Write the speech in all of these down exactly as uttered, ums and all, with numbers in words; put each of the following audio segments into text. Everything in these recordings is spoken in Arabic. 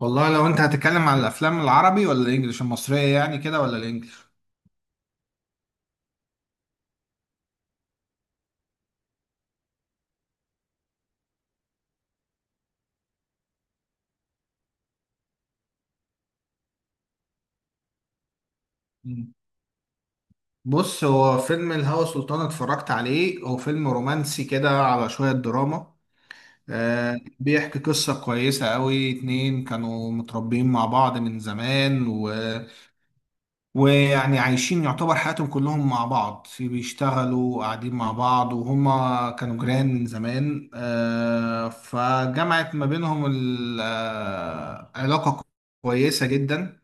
والله لو انت هتتكلم على الافلام العربي ولا الانجليش المصريه، يعني كده، ولا الانجليش؟ مم. بص، هو فيلم الهوى سلطان اتفرجت عليه، هو فيلم رومانسي كده على شويه دراما. آه بيحكي قصه كويسه قوي، اتنين كانوا متربيين مع بعض من زمان و... ويعني عايشين، يعتبر حياتهم كلهم مع بعض، في بيشتغلوا قاعدين مع بعض، وهما كانوا جيران من زمان. آه فجمعت ما بينهم ال- آه، علاقه كويسة جدا.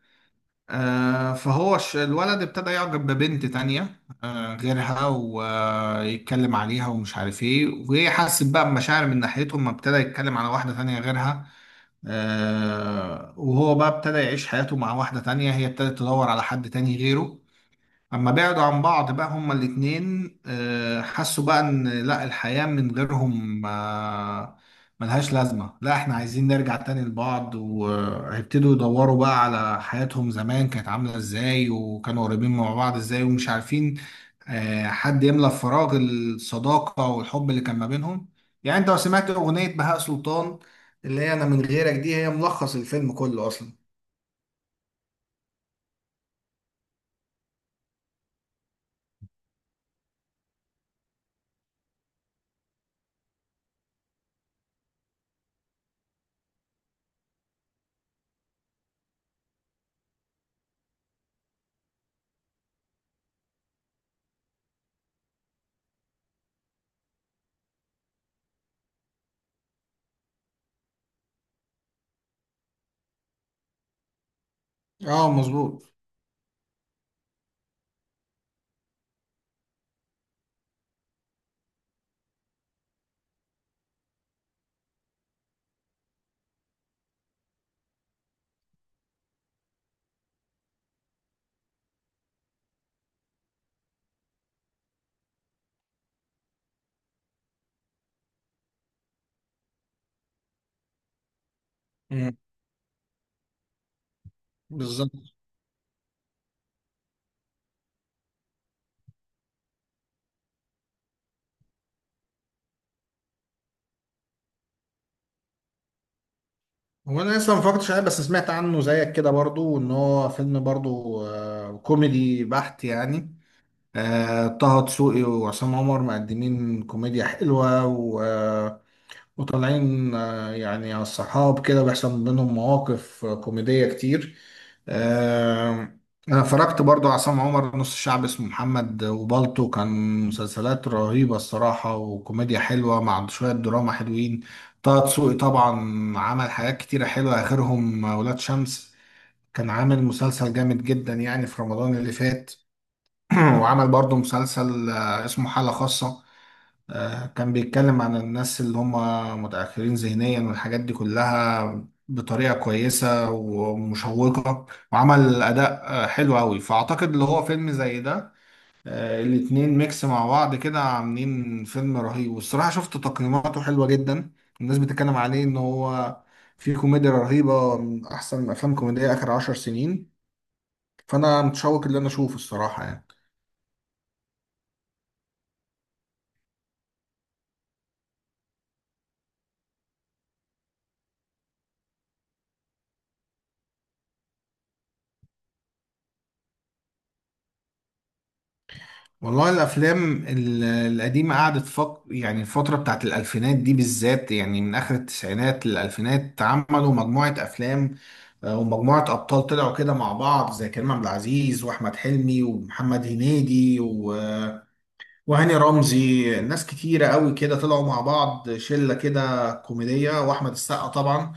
آه، فهو الش- الولد ابتدى يعجب ببنت تانية آه، غيرها، ويتكلم عليها ومش عارف ايه، وهي حست بقى بمشاعر من ناحيتهم ما ابتدى يتكلم على واحدة تانية غيرها. آه، وهو بقى ابتدى يعيش حياته مع واحدة تانية، هي ابتدت تدور على حد تاني غيره. اما بعدوا عن بعض بقى، هما الاتنين آه، حسوا بقى ان لا، الحياة من غيرهم آه، ملهاش لازمة، لا احنا عايزين نرجع تاني لبعض. وهيبتدوا يدوروا بقى على حياتهم زمان كانت عاملة ازاي، وكانوا قريبين مع بعض ازاي، ومش عارفين آه، حد يملى فراغ الصداقة والحب اللي كان ما بينهم. يعني انت لو سمعت اغنية بهاء سلطان، اللي هي "انا من غيرك"، دي هي ملخص الفيلم كله اصلا. اه، مظبوط. مم. بالظبط. هو انا لسه ما فكرتش عليه، بس سمعت عنه زيك كده برضو ان هو فيلم برضو آه، كوميدي بحت يعني. آه، طه دسوقي وعصام عمر مقدمين كوميديا حلوة، وطالعين آه، يعني على الصحاب، كده بيحصل بينهم مواقف آه، كوميدية كتير. آه، أنا فرجت برضو على عصام عمر، "نص الشعب اسمه محمد" وبالطو كان مسلسلات رهيبة الصراحة، وكوميديا حلوة مع شوية دراما حلوين. طه دسوقي طبعا عمل حاجات كتيرة حلوة، آخرهم آه، "ولاد شمس". كان عامل مسلسل جامد جدا يعني في رمضان اللي فات. وعمل برضو مسلسل آه، اسمه "حالة خاصة". آه، كان بيتكلم عن الناس اللي هم متأخرين ذهنيا والحاجات دي كلها بطريقة كويسة ومشوقة. وعمل أداء آه، حلو أوي، فأعتقد اللي هو فيلم زي ده آه، الاتنين ميكس مع بعض كده عاملين فيلم رهيب، والصراحة شفت تقييماته حلوة جدا. الناس بتتكلم عليه إن هو في كوميديا رهيبة، من أحسن أفلام كوميدية آخر عشر سنين. فأنا متشوق اللي أنا أشوفه الصراحة يعني. والله الافلام ال- القديمه قعدت فق... يعني الفتره بتاعت الالفينات دي بالذات، يعني من اخر التسعينات للالفينات، عملوا مجموعه افلام. آه، ومجموعه ابطال طلعوا كده مع بعض زي كريم عبد العزيز واحمد حلمي ومحمد هنيدي و... وهاني رمزي، ناس كتيرة قوي كده طلعوا مع بعض، شلة كده كوميدية، وأحمد السقا طبعا.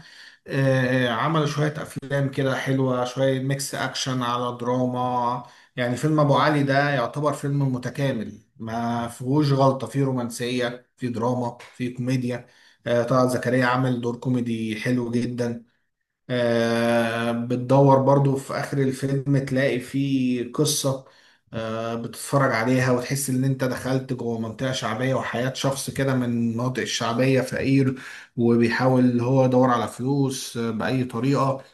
آه، عملوا شوية أفلام كده حلوة، شوية ميكس أكشن على دراما. يعني فيلم "أبو علي" ده يعتبر فيلم متكامل ما فيهوش غلطة، فيه رومانسية، فيه دراما، فيه كوميديا. آه، طلعت زكريا عمل دور كوميدي حلو جدا. آه، بتدور برضو في آخر الفيلم، تلاقي فيه قصة آه، بتتفرج عليها وتحس إن أنت دخلت جوه منطقة شعبية، وحياة شخص كده من المناطق الشعبية فقير، وبيحاول اللي هو يدور على فلوس آه، بأي طريقة.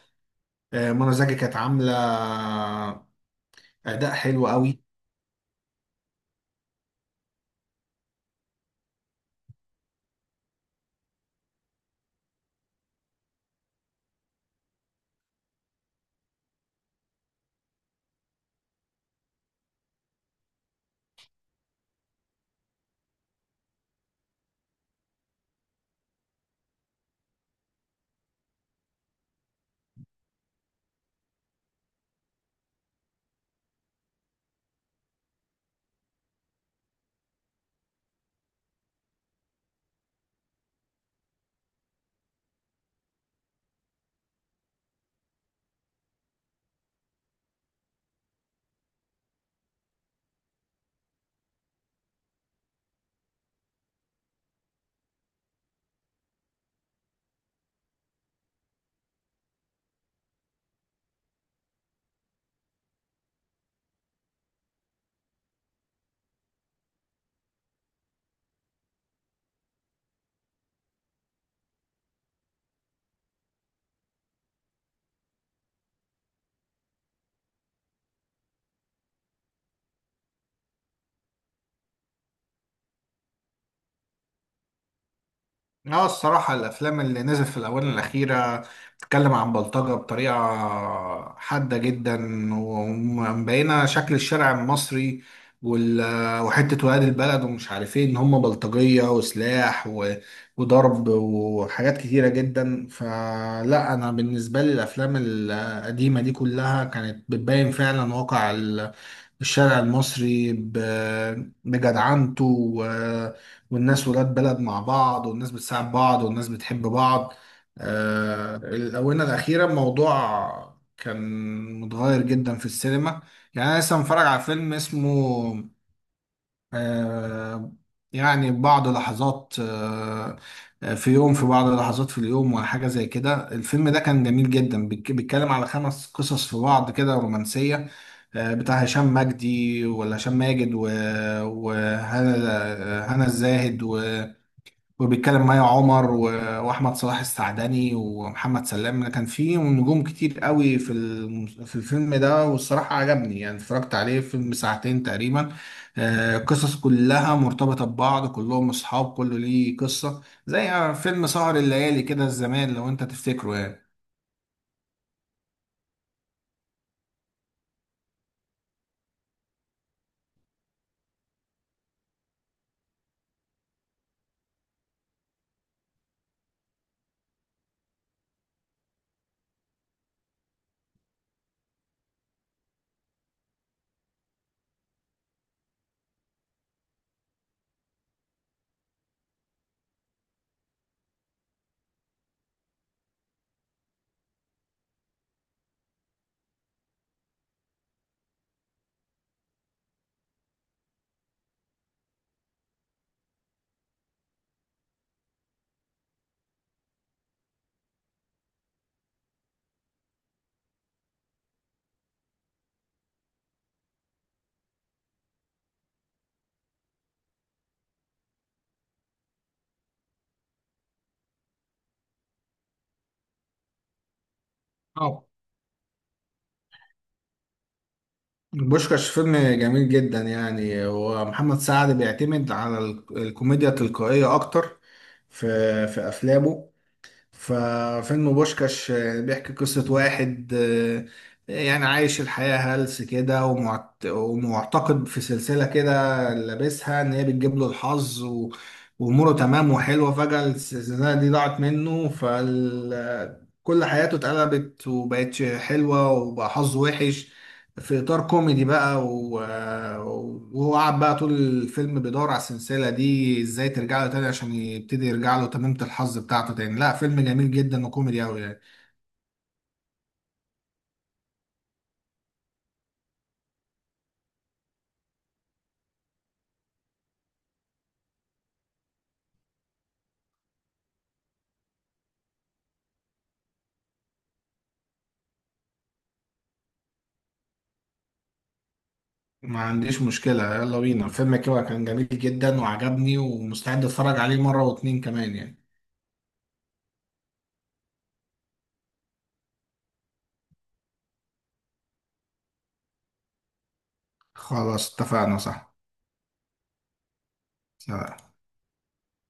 آه، منى زكي كانت عاملة أداء حلو قوي. اه، الصراحة الأفلام اللي نزلت في الآونة الأخيرة بتتكلم عن بلطجة بطريقة حادة جدا، ومبينة شكل الشارع المصري وال... وحتة ولاد البلد ومش عارف ايه، إن هم بلطجية وسلاح و... وضرب وحاجات كتيرة جدا. فلا، أنا بالنسبة لي الأفلام القديمة دي كلها كانت بتبين فعلا واقع الشارع المصري ب- بجدعنته، و- والناس ولاد بلد مع بعض، والناس بتساعد بعض، والناس بتحب بعض. آه، الآونة الأخيرة الموضوع كان متغير جدا في السينما. يعني أنا لسه متفرج على فيلم اسمه آه، يعني "بعض لحظات" آه، "في يوم"، "في بعض لحظات في اليوم"، وحاجة زي كده. الفيلم ده كان جميل جدا، بيتك- بيتكلم على خمس قصص في بعض كده رومانسية. آه، بتاع هشام مجدي ولا هشام ماجد، و- وهنا هنا الزاهد، و- وبيتكلم مي عمر، و- واحمد صلاح السعدني ومحمد سلام. كان فيه نجوم كتير قوي في الم- في الفيلم ده، والصراحه عجبني، يعني اتفرجت عليه، فيلم ساعتين تقريبا. آه، القصص كلها مرتبطه ببعض، كلهم اصحاب، كله ليه قصه، زي فيلم "سهر الليالي" كده زمان لو انت تفتكره. يعني "بوشكاش" فيلم جميل جدا يعني، ومحمد سعد بيعتمد على ال- الكوميديا التلقائية أكتر في في أفلامه. ففيلم "بوشكاش" بيحكي قصة واحد آه، يعني عايش الحياة هلس كده، ومعت- ومعتقد في سلسلة كده، لابسها إن هي بتجيب له الحظ، و- وأموره تمام وحلوة. فجأة السلسلة دي ضاعت منه، فكل حياته اتقلبت وبقتش حلوة وبقى حظه وحش، في اطار كوميدي بقى و... وهو قعد بقى طول الفيلم بيدور على السلسله دي ازاي ترجع له تاني، عشان يبتدي يرجع له تميمه الحظ بتاعته تاني. لا، فيلم جميل جدا وكوميدي قوي يعني. ما عنديش مشكله، يلا بينا. الفيلم كده كان جميل جدا وعجبني، ومستعد اتفرج عليه مره واتنين كمان يعني. خلاص، اتفقنا. صح؟